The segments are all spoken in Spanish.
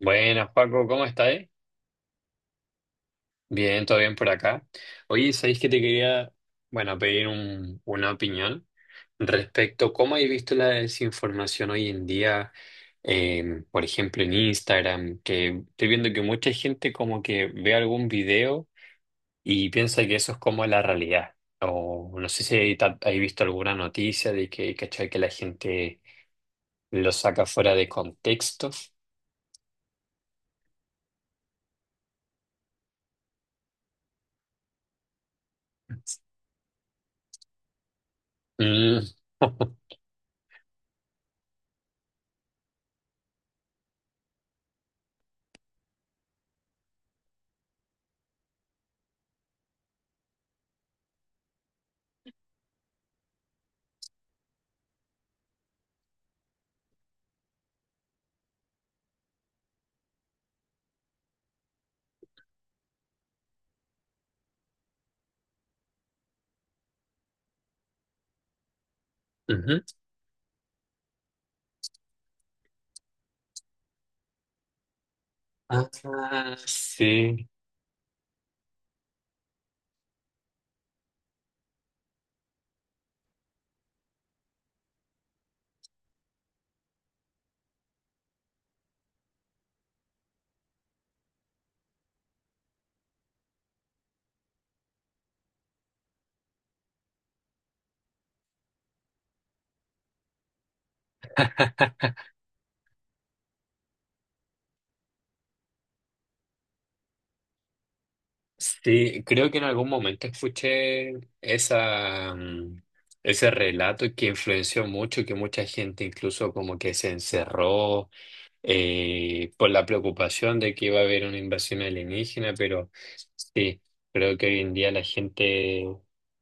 Buenas, Paco, ¿cómo estáis? Bien, todo bien por acá. Oye, ¿sabéis que te quería, bueno, pedir una opinión respecto a cómo habéis visto la desinformación hoy en día, por ejemplo, en Instagram, que estoy viendo que mucha gente como que ve algún video y piensa que eso es como la realidad. O no sé si hay visto alguna noticia de que, ¿cachai? Que la gente lo saca fuera de contexto. Mm. Ujú. Ah, sí, sí, creo que en algún momento escuché esa, mm, ese relato que influenció mucho, que mucha gente incluso como que se encerró por la preocupación de que iba a haber una invasión alienígena, pero sí, creo que hoy en día la gente,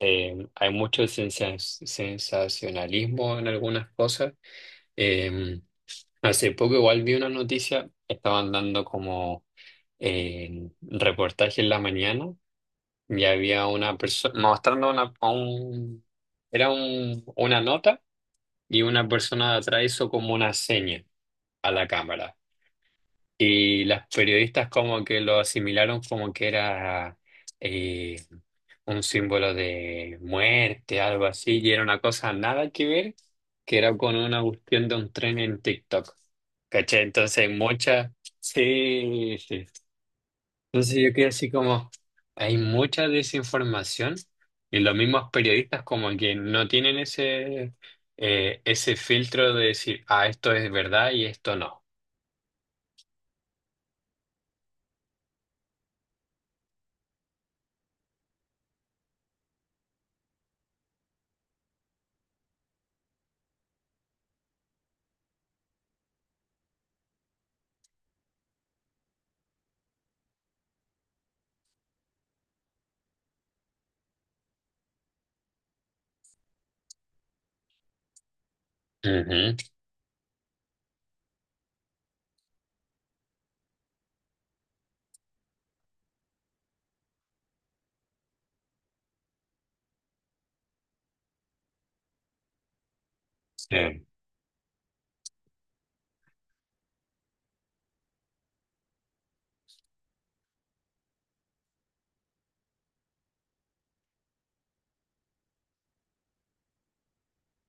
hay mucho sensacionalismo en algunas cosas. Em, Hace poco igual vi una noticia, estaban dando como en reportaje en la mañana y había una persona mostrando una, a un, una nota, y una persona de atrás hizo como una seña a la cámara. Y las periodistas como que lo asimilaron como que era eh, un símbolo de muerte, algo así, y era una cosa nada que ver, que era con una cuestión de un tren en TikTok. ¿Cachai? Entonces muchas... Sí, sí. Entonces yo quedé así como, hay mucha desinformación y los mismos periodistas como que no tienen ese, ese filtro de decir, ah, esto es verdad y esto no. Ujú, sí.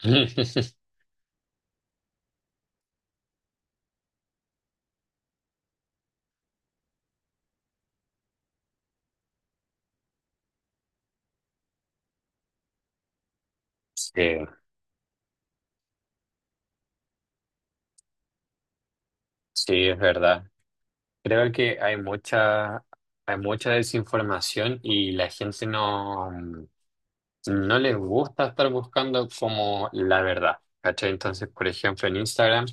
Sí, sí, es verdad. Creo que hay mucha desinformación y la gente no. No les gusta estar buscando como la verdad, ¿cachai? Entonces, por ejemplo, en Instagram,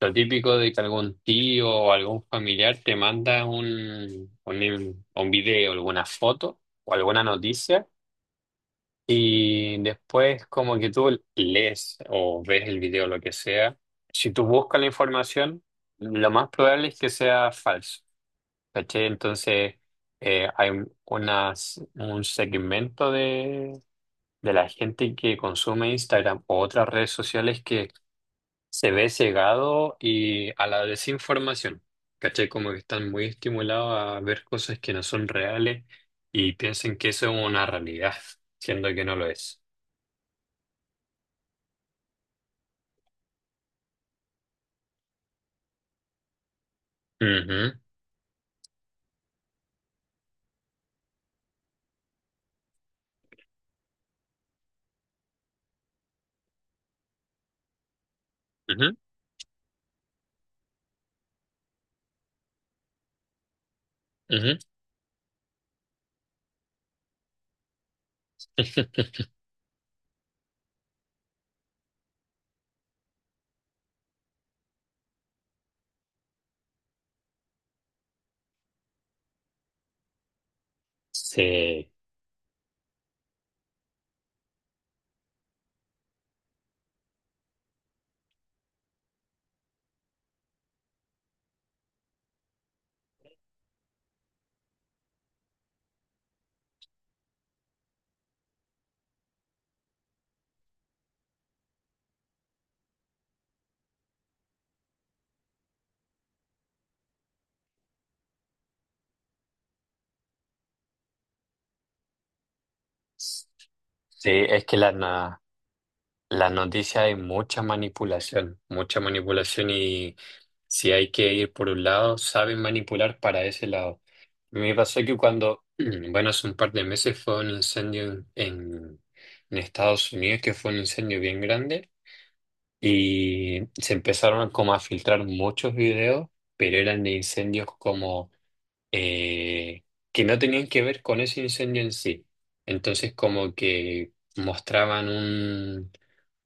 lo típico de que algún tío o algún familiar te manda un video, alguna foto o alguna noticia, y después como que tú lees o ves el video, lo que sea, si tú buscas la información, lo más probable es que sea falso, ¿cachai? Entonces, hay unas, un segmento de la gente que consume Instagram o otras redes sociales que se ve cegado y a la desinformación. ¿Cachai? Como que están muy estimulados a ver cosas que no son reales y piensan que eso es una realidad, siendo que no lo es. Ujú, ujú, ujú. Sí, sí, es que la, las noticias hay mucha manipulación y si hay que ir por un lado, saben manipular para ese lado. Me pasó que cuando, bueno, hace un par de meses fue un incendio en, en Estados Unidos, que fue un incendio bien grande, y se empezaron como a filtrar muchos videos, pero eran de incendios como eh, que no tenían que ver con ese incendio en sí. Entonces como que mostraban un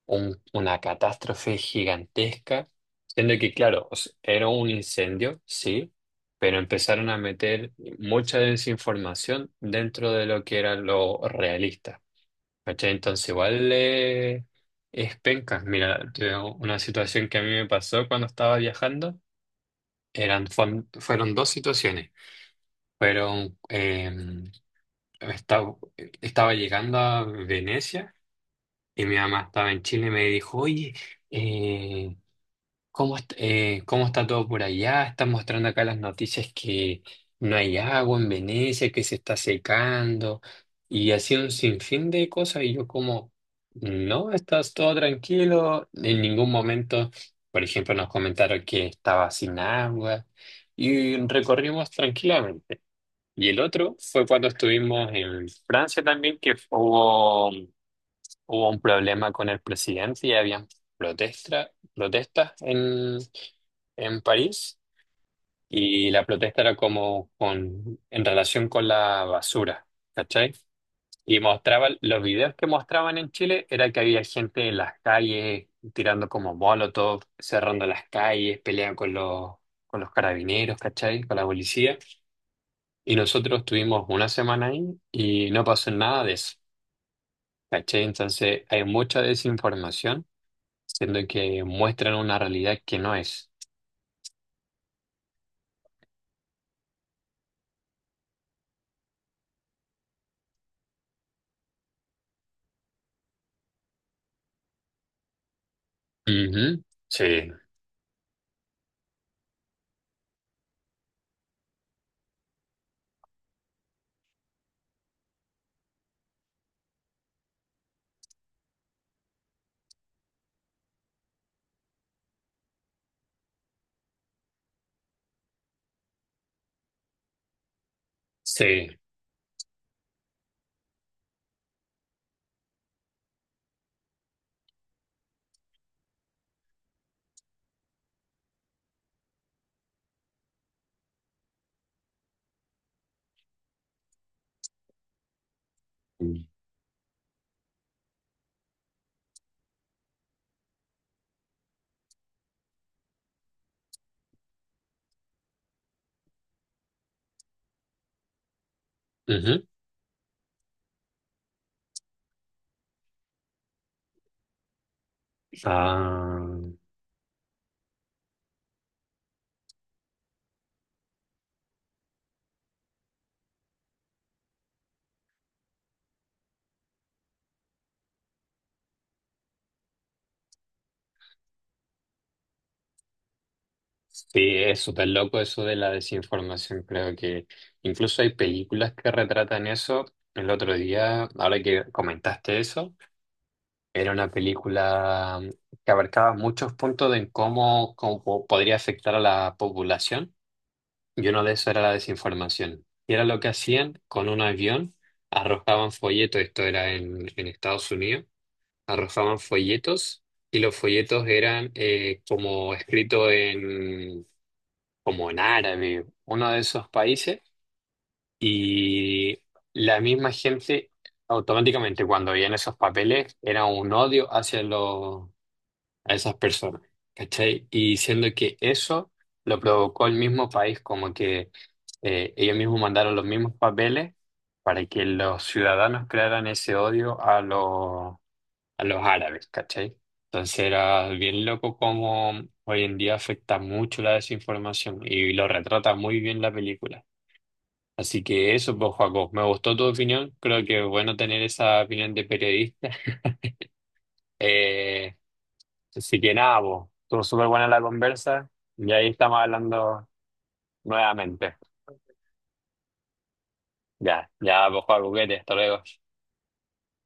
una catástrofe gigantesca, siendo que, claro, o sea, era un incendio, sí, pero empezaron a meter mucha desinformación dentro de lo que era lo realista. ¿Cachai? Entonces, igual es penca. Mira, te digo, una situación que a mí me pasó cuando estaba viajando, eran, fueron dos situaciones. Fueron, estaba, estaba llegando a Venecia y mi mamá estaba en Chile y me dijo, oye, eh, ¿cómo, cómo está todo por allá? Están mostrando acá las noticias que no hay agua en Venecia, que se está secando y así un sinfín de cosas. Y yo como, no, estás todo tranquilo, en ningún momento, por ejemplo, nos comentaron que estaba sin agua y recorrimos tranquilamente. Y el otro fue cuando estuvimos en Francia también, que hubo un problema con el presidente y habían protestas en París, y la protesta era como con, en relación con la basura, ¿cachai? Y mostraba, los videos que mostraban en Chile era que había gente en las calles tirando como molotov, cerrando las calles, peleando con los carabineros, ¿cachai? Con la policía. Y nosotros estuvimos una semana ahí y no pasó nada de eso, ¿cachai? Entonces hay mucha desinformación, siendo que muestran una realidad que no es. Ujú, sí, sí. Ujú. Ah, sí, es súper loco eso de la desinformación. Creo que incluso hay películas que retratan eso. El otro día, ahora que comentaste eso, era una película que abarcaba muchos puntos de en cómo, podría afectar a la población. Y uno de esos era la desinformación. Y era lo que hacían con un avión, arrojaban folletos, esto era en Estados Unidos, arrojaban folletos y los folletos eran como escrito en, como en árabe, uno de esos países. Y la misma gente automáticamente cuando veían esos papeles era un odio hacia los, a esas personas, ¿cachai? Y diciendo que eso lo provocó el mismo país, como que ellos mismos mandaron los mismos papeles para que los ciudadanos crearan ese odio a los árabes, ¿cachai? Entonces era bien loco como hoy en día afecta mucho la desinformación y lo retrata muy bien la película. Así que eso, pues, Joaco, me gustó tu opinión. Creo que es bueno tener esa opinión de periodista. Eh, Así que nada, po, estuvo súper buena la conversa y ahí estamos hablando nuevamente. Ya, ya, pues, Juan Buquete, hasta luego.